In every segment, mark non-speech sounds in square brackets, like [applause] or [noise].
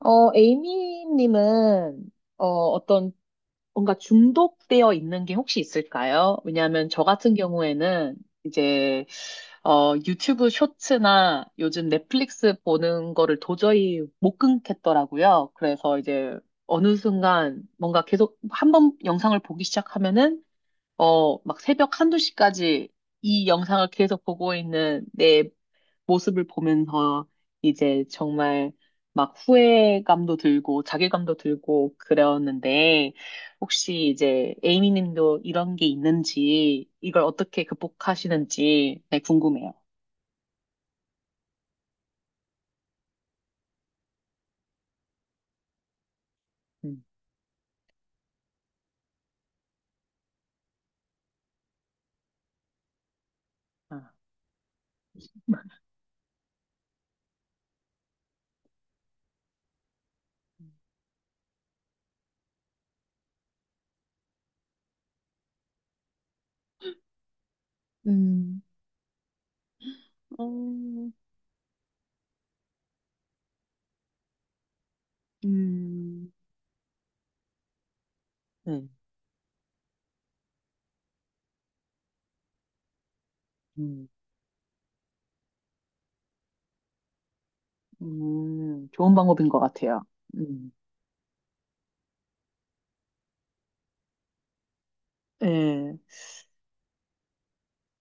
에이미님은, 어, 어떤, 뭔가 중독되어 있는 게 혹시 있을까요? 왜냐하면 저 같은 경우에는 이제, 유튜브 쇼츠나 요즘 넷플릭스 보는 거를 도저히 못 끊겠더라고요. 그래서 이제 어느 순간 뭔가 계속 한번 영상을 보기 시작하면은, 막 새벽 한두 시까지 이 영상을 계속 보고 있는 내 모습을 보면서 이제 정말 막 후회감도 들고 자괴감도 들고 그랬는데 혹시 이제 에이미 님도 이런 게 있는지 이걸 어떻게 극복하시는지 네, 궁금해요. 음. 아. [laughs] 음, 어, 음, 네. 음, 좋은 방법인 것 같아요. 음, 예.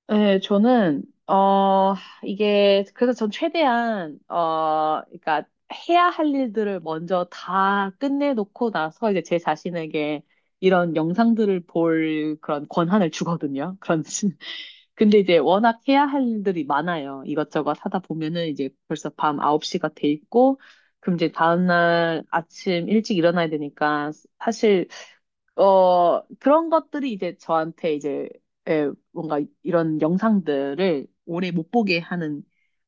네, 저는 어 이게 그래서 전 최대한 그러니까 해야 할 일들을 먼저 다 끝내놓고 나서 이제 제 자신에게 이런 영상들을 볼 그런 권한을 주거든요. 그런 [laughs] 근데 이제 워낙 해야 할 일들이 많아요. 이것저것 하다 보면은 이제 벌써 밤 9시가 돼 있고 그럼 이제 다음날 아침 일찍 일어나야 되니까 사실 그런 것들이 이제 저한테 이제 예, 뭔가 이런 영상들을 오래 못 보게 하는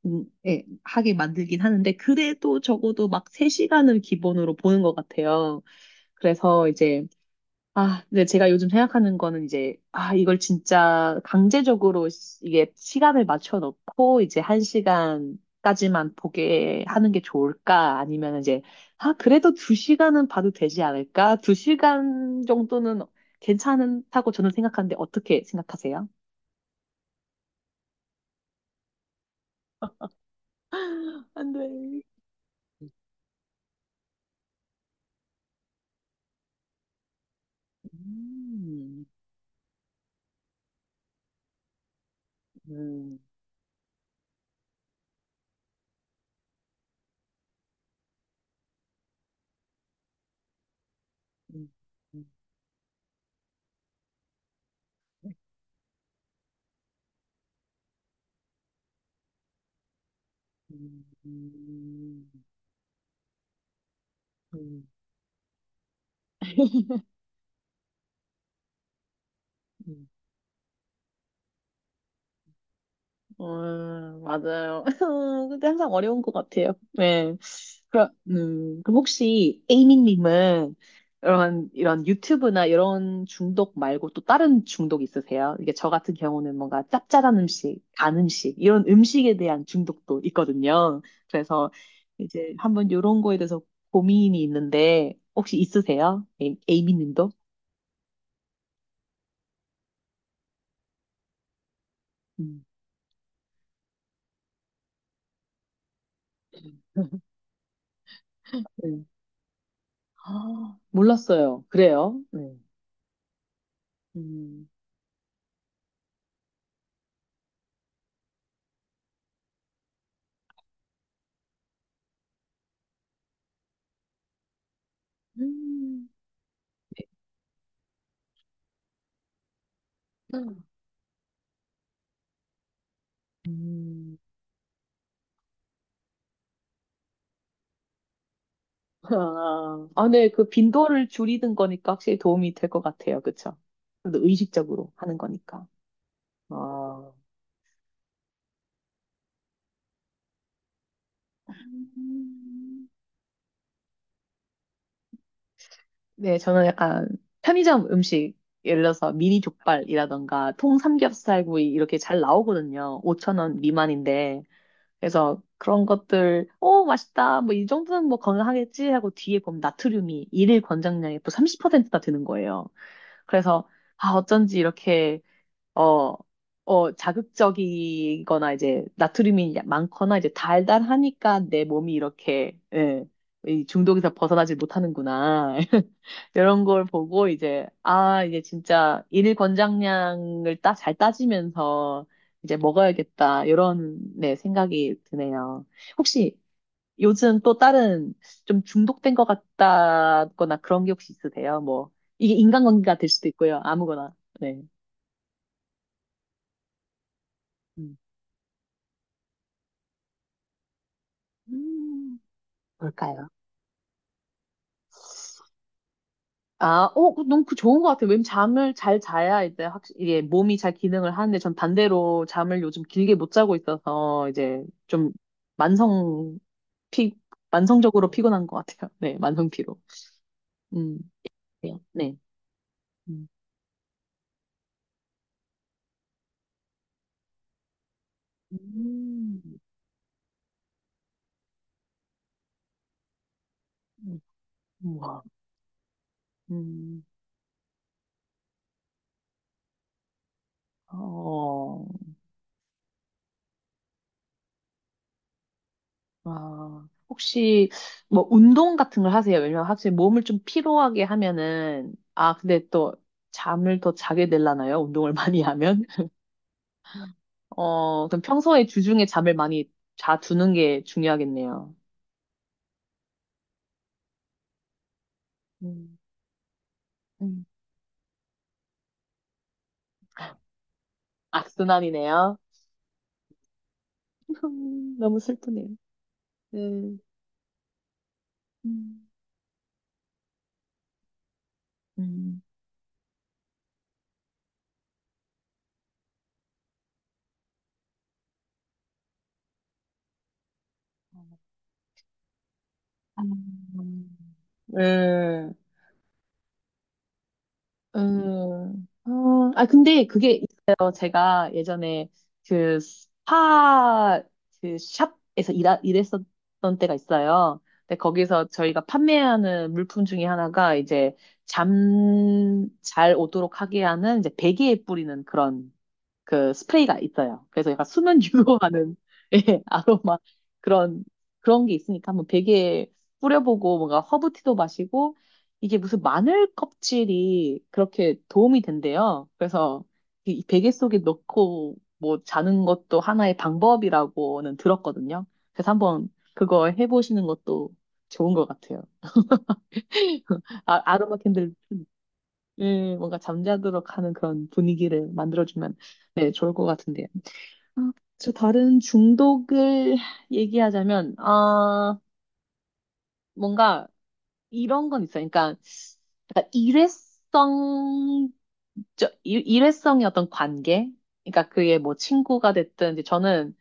예, 하게 만들긴 하는데 그래도 적어도 막 3시간을 기본으로 보는 것 같아요. 그래서 이제 아, 근데 제가 요즘 생각하는 거는 이제, 아, 이걸 진짜 강제적으로 이게 시간을 맞춰 놓고 이제 1시간까지만 보게 하는 게 좋을까? 아니면 이제, 아, 그래도 2시간은 봐도 되지 않을까? 2시간 정도는 괜찮다고 저는 생각하는데 어떻게 생각하세요? 안 돼. 음, 음, 음, 음, 음, 음, 음, 음. 맞아요. [laughs] 근데 항상 어려운 것 같아요. 네. 그럼, 그럼 혹시 에이미님은 이런 유튜브나 이런 중독 말고 또 다른 중독 있으세요? 이게 저 같은 경우는 뭔가 짭짤한 음식, 단 음식, 이런 음식에 대한 중독도 있거든요. 그래서 이제 한번 이런 거에 대해서 고민이 있는데 혹시 있으세요? 에이미님도? 음, [laughs] 네. 아, 몰랐어요. 그래요? 네. 음. 음. 네. 음. 음. 아, 아, 네, 그 빈도를 줄이는 거니까 확실히 도움이 될 것 같아요. 그쵸? 그래도 의식적으로 하는 거니까. 아. 음. 네, 저는 약간 편의점 음식, 예를 들어서 미니 족발이라던가 통 삼겹살구이 이렇게 잘 나오거든요. 5천 원 미만인데. 그래서 그런 것들, 오, 맛있다. 뭐 이 정도는 뭐 건강하겠지 하고 뒤에 보면 나트륨이 일일 권장량의 또 30%나 되는 거예요. 그래서 아 어쩐지 이렇게 어, 자극적이거나 이제 나트륨이 많거나 이제 달달하니까 내 몸이 이렇게 예, 이 중독에서 벗어나지 못하는구나. [laughs] 이런 걸 보고 이제 아 이제 진짜 일일 권장량을 잘 따지면서 이제 먹어야겠다 이런 네 생각이 드네요. 혹시 요즘 또 다른 좀 중독된 것 같다거나 그런 게 혹시 있으세요? 뭐, 이게 인간관계가 될 수도 있고요. 아무거나. 네. 음. 음, 뭘까요? 아, 너무 그 좋은 것 같아요. 왜냐면 잠을 잘 자야 이제 확실히 이게 몸이 잘 기능을 하는데 전 반대로 잠을 요즘 길게 못 자고 있어서 이제 좀 만성 피, 만성적으로 피곤한 것 같아요. [laughs] 네, 만성 피로. 음, 그래요? 네. 음, 음, 우와. 음, 어. 아, 혹시 뭐 운동 같은 걸 하세요? 왜냐면 확실히 몸을 좀 피로하게 하면은 아, 근데 또 잠을 더 자게 되려나요? 운동을 많이 하면? [laughs] 그럼 평소에 주중에 잠을 많이 자 두는 게 중요하겠네요. 음, 음. 악순환이네요. [laughs] 너무 슬프네요. 네 음. 음. 네. 아, 근데 그게 있어요. 제가 예전에 그 스파, 그 샵에서 일했었던 때가 있어요. 근데 거기서 저희가 판매하는 물품 중에 하나가 이제 잠 잘 오도록 하게 하는 이제 베개에 뿌리는 그런 그 스프레이가 있어요. 그래서 약간 수면 유도하는 [laughs] 예, 아로마 그런 그런 게 있으니까 한번 베개에 뿌려보고 뭔가 허브티도 마시고 이게 무슨 마늘 껍질이 그렇게 도움이 된대요. 그래서 이 베개 속에 넣고 뭐 자는 것도 하나의 방법이라고는 들었거든요. 그래서 한번 그거 해보시는 것도 좋은 것 같아요. [laughs] 아, 아로마 캔들 예, 뭔가 잠자도록 하는 그런 분위기를 만들어주면 네, 좋을 것 같은데요. 아, 저 다른 중독을 [laughs] 얘기하자면, 아, 뭔가 이런 건 있어요. 그러니까 약간 일회성, 일회성의 어떤 관계? 그러니까 그게 뭐 친구가 됐든, 이제 저는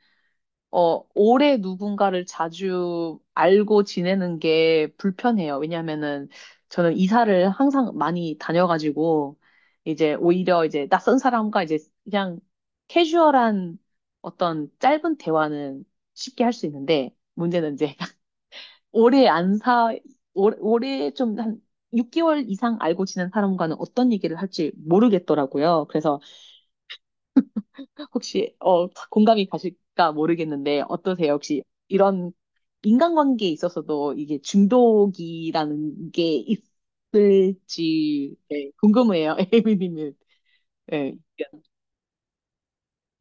오래 누군가를 자주 알고 지내는 게 불편해요. 왜냐면은 저는 이사를 항상 많이 다녀가지고 이제 오히려 이제 낯선 사람과 이제 그냥 캐주얼한 어떤 짧은 대화는 쉽게 할 수 있는데 문제는 이제 [laughs] 오래 안 사, 오래 좀 한 6개월 이상 알고 지낸 사람과는 어떤 얘기를 할지 모르겠더라고요. 그래서 혹시 공감이 가실까 모르겠는데 어떠세요? 혹시 이런 인간관계에 있어서도 이게 중독이라는 게 있을지 네, 궁금해요. [laughs] 에이비님은 네.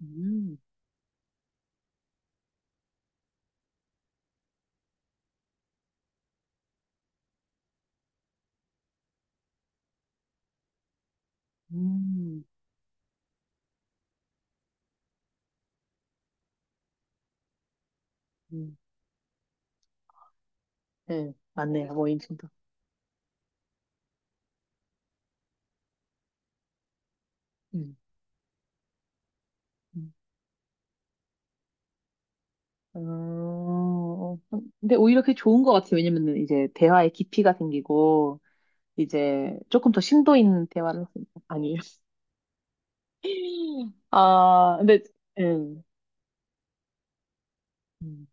음, 음, 음, 네, 맞네요. 모임 중독. 음, 음. 어, 어, 근데 오히려 그게 좋은 것 같아요. 왜냐면은 이제 대화의 깊이가 생기고 이제 조금 더 심도 있는 대화를 아니에요. [laughs] 아, 근데 음. 음.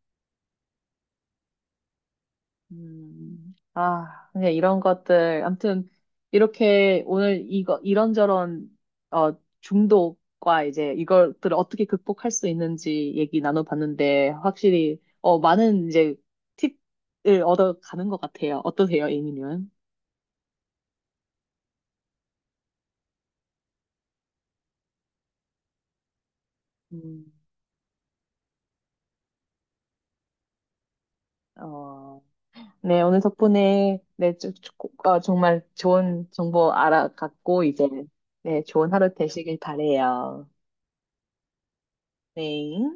아, 그냥 이런 것들. 아무튼, 이렇게 오늘 이거, 이런저런, 중독과 이제 이것들을 어떻게 극복할 수 있는지 얘기 나눠봤는데, 확실히, 많은 이제 팁을 얻어가는 것 같아요. 어떠세요, A님은? 음, 어, 네, 오늘 덕분에, 네, 정말 좋은 정보 알아갔고, 이제, 네, 좋은 하루 되시길 바래요. 네.